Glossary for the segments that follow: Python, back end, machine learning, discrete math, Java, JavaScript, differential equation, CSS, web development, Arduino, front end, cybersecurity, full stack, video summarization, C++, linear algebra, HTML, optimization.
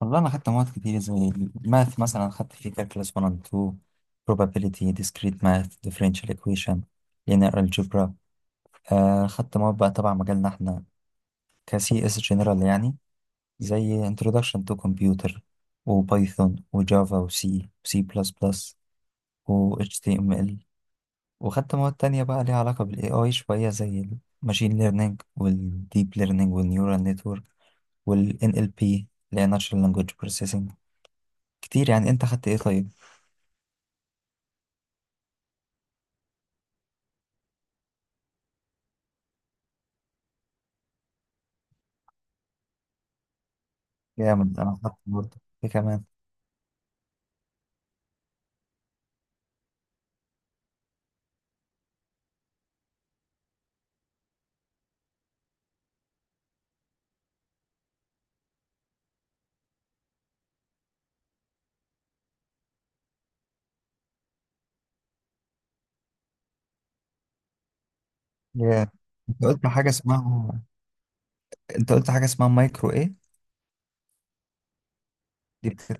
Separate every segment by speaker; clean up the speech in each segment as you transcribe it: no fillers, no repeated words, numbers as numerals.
Speaker 1: والله أنا خدت مواد كتير زي math، مثلاً خدت في كلاس one and two، probability، discrete math، differential equation، linear algebra. خدت مواد بقى، طبعاً مجالنا إحنا كاسياس جينرال يعني، زي introduction to computer، وبايثون، وجوافا، وسي، سي بلس بلس، وhtml. وخدت مواد تانية بقى اللي علاقة بالإي أيش بقية، زي machine learning، والdeeplearning، والناورالنور، والNLP language processing. كتير يعني. أنت خدت أي؟ طيب، جامد. انا حاطط برضه، ايه كمان؟ جامد. انت قلت حاجه اسمها انت قلت حاجه اسمها مايكرو ايه؟ دي بتر...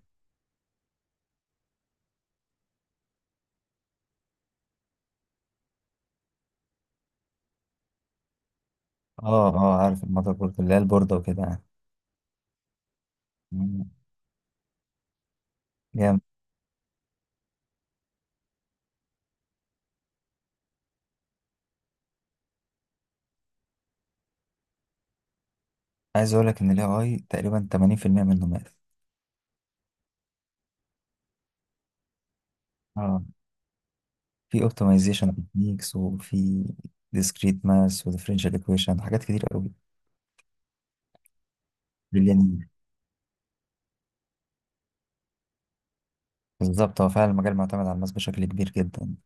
Speaker 1: اه اه، عارف المذر بورد اللي هي البورده وكده يعني. مم. جامد. عايز اقول لك ان الاي اي تقريبا 80% منه ماث. اه، في اوبتمايزيشن تكنيكس، وفي ديسكريت ماس، وديفرنشال ايكويشن، حاجات كتير قوي. بريليانين. بالظبط، هو فعلا المجال معتمد على الماس بشكل كبير جدا.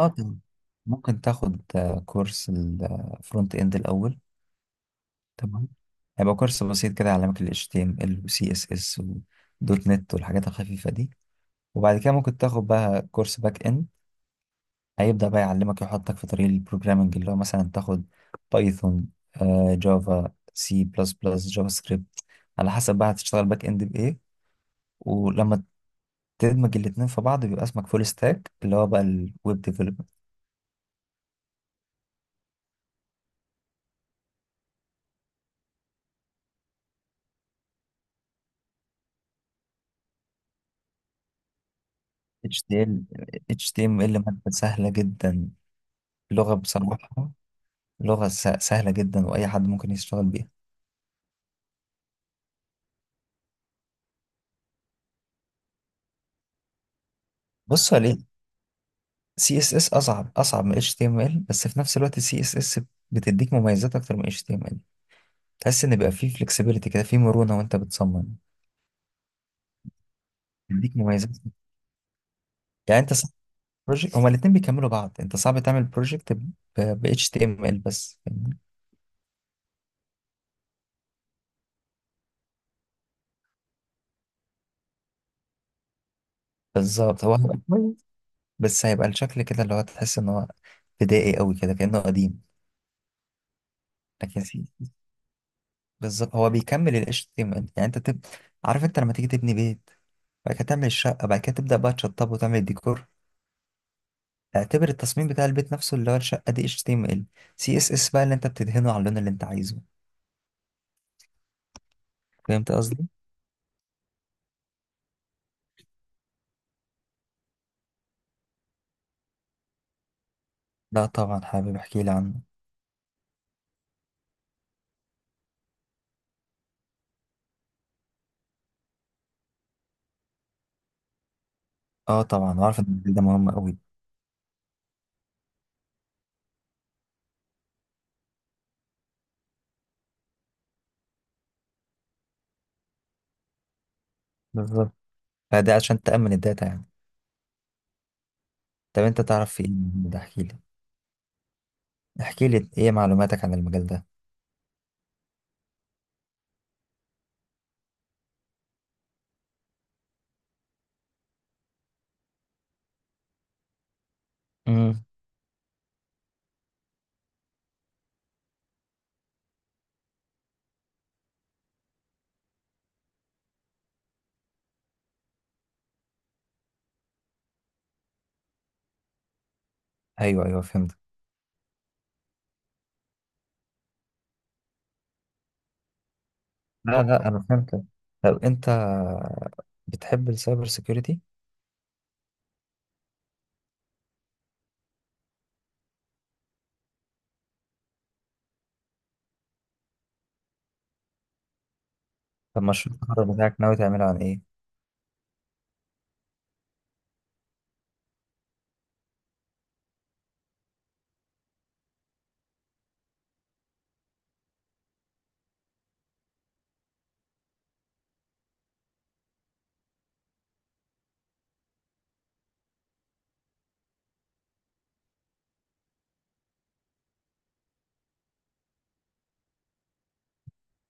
Speaker 1: اه طبعاً. ممكن تاخد كورس الفرونت اند الاول. تمام. هيبقى كورس بسيط كده يعلمك ال HTML و CSS و دوت نت والحاجات الخفيفة دي. وبعد كده ممكن تاخد بقى كورس باك اند. هيبدأ بقى يعلمك، يحطك في طريق البروجرامنج، اللي هو مثلا تاخد بايثون، جافا، سي بلس بلس، جافا سكريبت، على حسب بقى هتشتغل باك اند بإيه. ولما تدمج الاتنين في بعض بيبقى اسمك فول ستاك، اللي هو بقى الويب ديفلوبمنت. HTML مادة سهلة جدا، لغة بصراحة، سهلة جدا وأي حد ممكن يشتغل بيها. بص عليه، سي اس اس اصعب، اصعب من اتش تي ام ال، بس في نفس الوقت السي اس اس بتديك مميزات اكتر من اتش تي ام ال. تحس ان بيبقى فيه فلكسبيليتي كده، فيه مرونه وانت بتصمم، بيديك مميزات. يعني انت صعب بروجكت، هما الاتنين بيكملوا بعض، انت صعب تعمل بروجكت ب اتش تي ام ال بس، فاهمني؟ بالظبط، هو هيبقى كويس بس هيبقى الشكل كده اللي هو تحس ان هو بدائي قوي كده، كانه قديم. لكن سي بالظبط، هو بيكمل ال HTML. يعني انت تب... عارف انت لما تيجي تبني بيت، بعد كده تعمل الشقه، بعد كده تبدا بقى تشطبه وتعمل الديكور. اعتبر التصميم بتاع البيت نفسه اللي هو الشقة دي HTML، CSS بقى اللي انت بتدهنه على اللون اللي انت عايزه. فهمت قصدي؟ لا طبعا، حابب احكي لي عنه. اه طبعا، وعارف ان الجيل ده مهم قوي. بالظبط، فده عشان تأمن الداتا يعني. طب انت تعرف في ايه من ده؟ احكي لي. احكي لي ايه معلوماتك عن المجال ده؟ امم. ايوه ايوه فهمت. لا لا انا فهمت. طب انت بتحب السايبر سيكيورتي؟ طب مشروع التخرج بتاعك ناوي تعمله عن ايه؟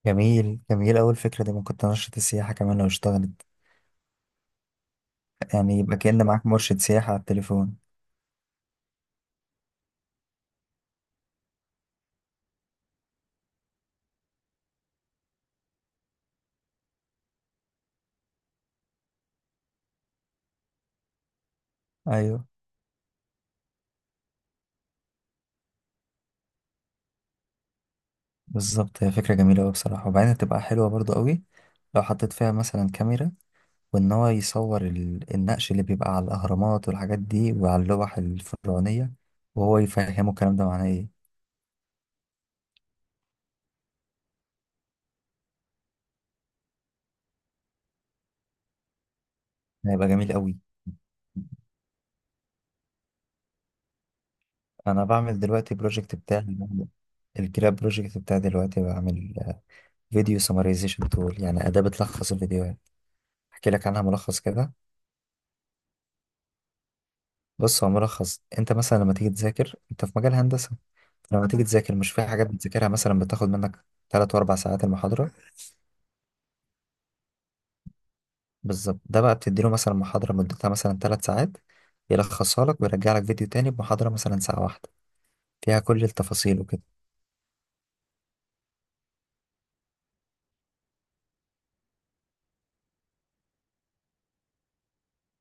Speaker 1: جميل جميل، اول فكرة دي ممكن تنشط السياحة كمان لو اشتغلت. يعني يبقى كأن معاك مرشد سياحة على التليفون. ايوه بالظبط، هي فكرة جميلة أوي بصراحة. وبعدين هتبقى حلوة برضو أوي لو حطيت فيها مثلا كاميرا، وإن هو يصور النقش اللي بيبقى على الأهرامات والحاجات دي وعلى اللوح الفرعونية، وهو يفهمه الكلام ده معناه إيه. هيبقى جميل أوي. أنا بعمل دلوقتي بروجكت بتاعي، الجراب بروجكت بتاعي، دلوقتي بعمل فيديو سمرايزيشن تول، يعني أداة بتلخص الفيديوهات. أحكي لك عنها ملخص كده. بص، هو ملخص. أنت مثلا لما تيجي تذاكر، أنت في مجال هندسة، لما تيجي تذاكر مش في حاجات بتذاكرها مثلا بتاخد منك 3 و4 ساعات المحاضرة. بالظبط، ده بقى بتديله مثلا محاضرة مدتها مثلا 3 ساعات، يلخصها لك ويرجع لك فيديو تاني بمحاضرة مثلا ساعة واحدة فيها كل التفاصيل وكده.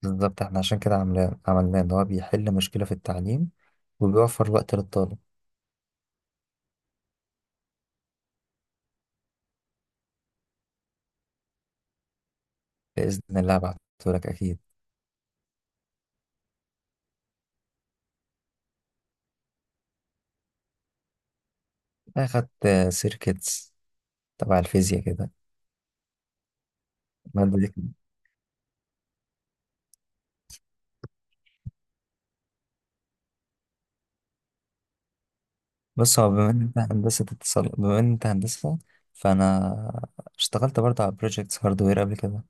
Speaker 1: بالظبط، احنا عشان كده عملناه إن هو بيحل مشكلة في التعليم، وبيوفر وقت للطالب. بإذن الله بعتهولك أكيد. أخدت سيركتس تبع الفيزياء كده. المادة دي كانت- بص، هو بما إن أنت هندسة اتصال، بما إن أنت هندسة فأنا اشتغلت برضه على بروجيكتس هاردوير قبل كده.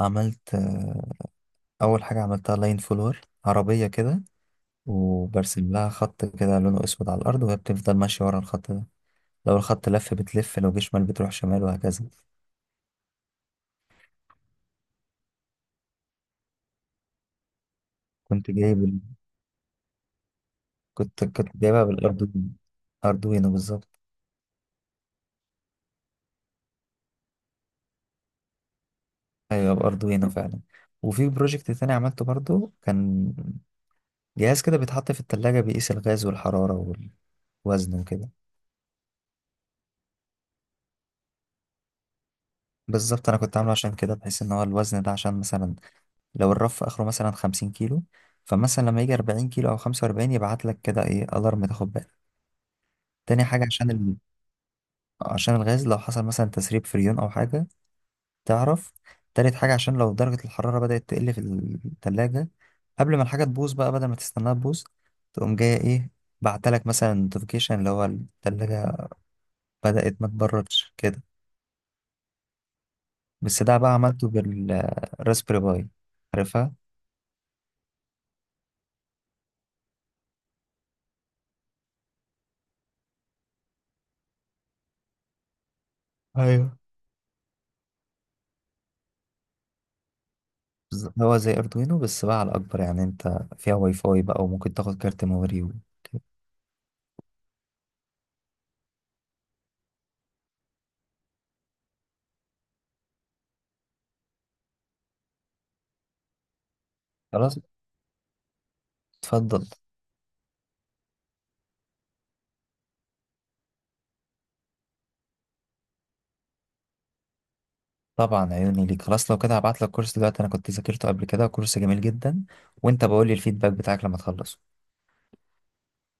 Speaker 1: عملت أول حاجة عملتها لاين فولور عربية كده، وبرسم لها خط كده لونه أسود على الأرض وهي بتفضل ماشية ورا الخط ده. لو الخط لف بتلف، لو جه شمال بتروح شمال، وهكذا. كنت جايب ال- كنت جايبها بالأردوينو، أردوينو بالظبط. أيوة بأردوينو فعلا. وفي بروجكت تاني عملته برضو، كان جهاز كده بيتحط في التلاجة بيقيس الغاز والحرارة والوزن وكده. بالظبط، أنا كنت عامله عشان كده بحيث إن هو الوزن ده عشان مثلا لو الرف اخره مثلا 50 كيلو، فمثلا لما يجي 40 كيلو او 45 يبعت لك كده ايه الارم، تاخد بالك. تاني حاجه عشان الغاز لو حصل مثلا تسريب فريون او حاجه تعرف. تالت حاجه عشان لو درجه الحراره بدات تقل في الثلاجه، قبل ما الحاجه تبوظ بقى، بدل ما تستناها تبوظ تقوم جايه ايه بعتلك مثلا نوتيفيكيشن اللي هو الثلاجه بدات ما تبردش كده. بس ده بقى عملته بالراسبيري باي، عارفها؟ ايوه، هو زي أردوينو بس بقى على أكبر، يعني أنت فيها واي فاي بقى وممكن تاخد كارت ميموري و- خلاص. اتفضل. طبعا عيوني ليك. خلاص لو كده هبعت لك كورس دلوقتي، أنا كنت ذاكرته قبل كده كورس جميل جدا، وأنت بقول لي الفيدباك بتاعك لما تخلصه.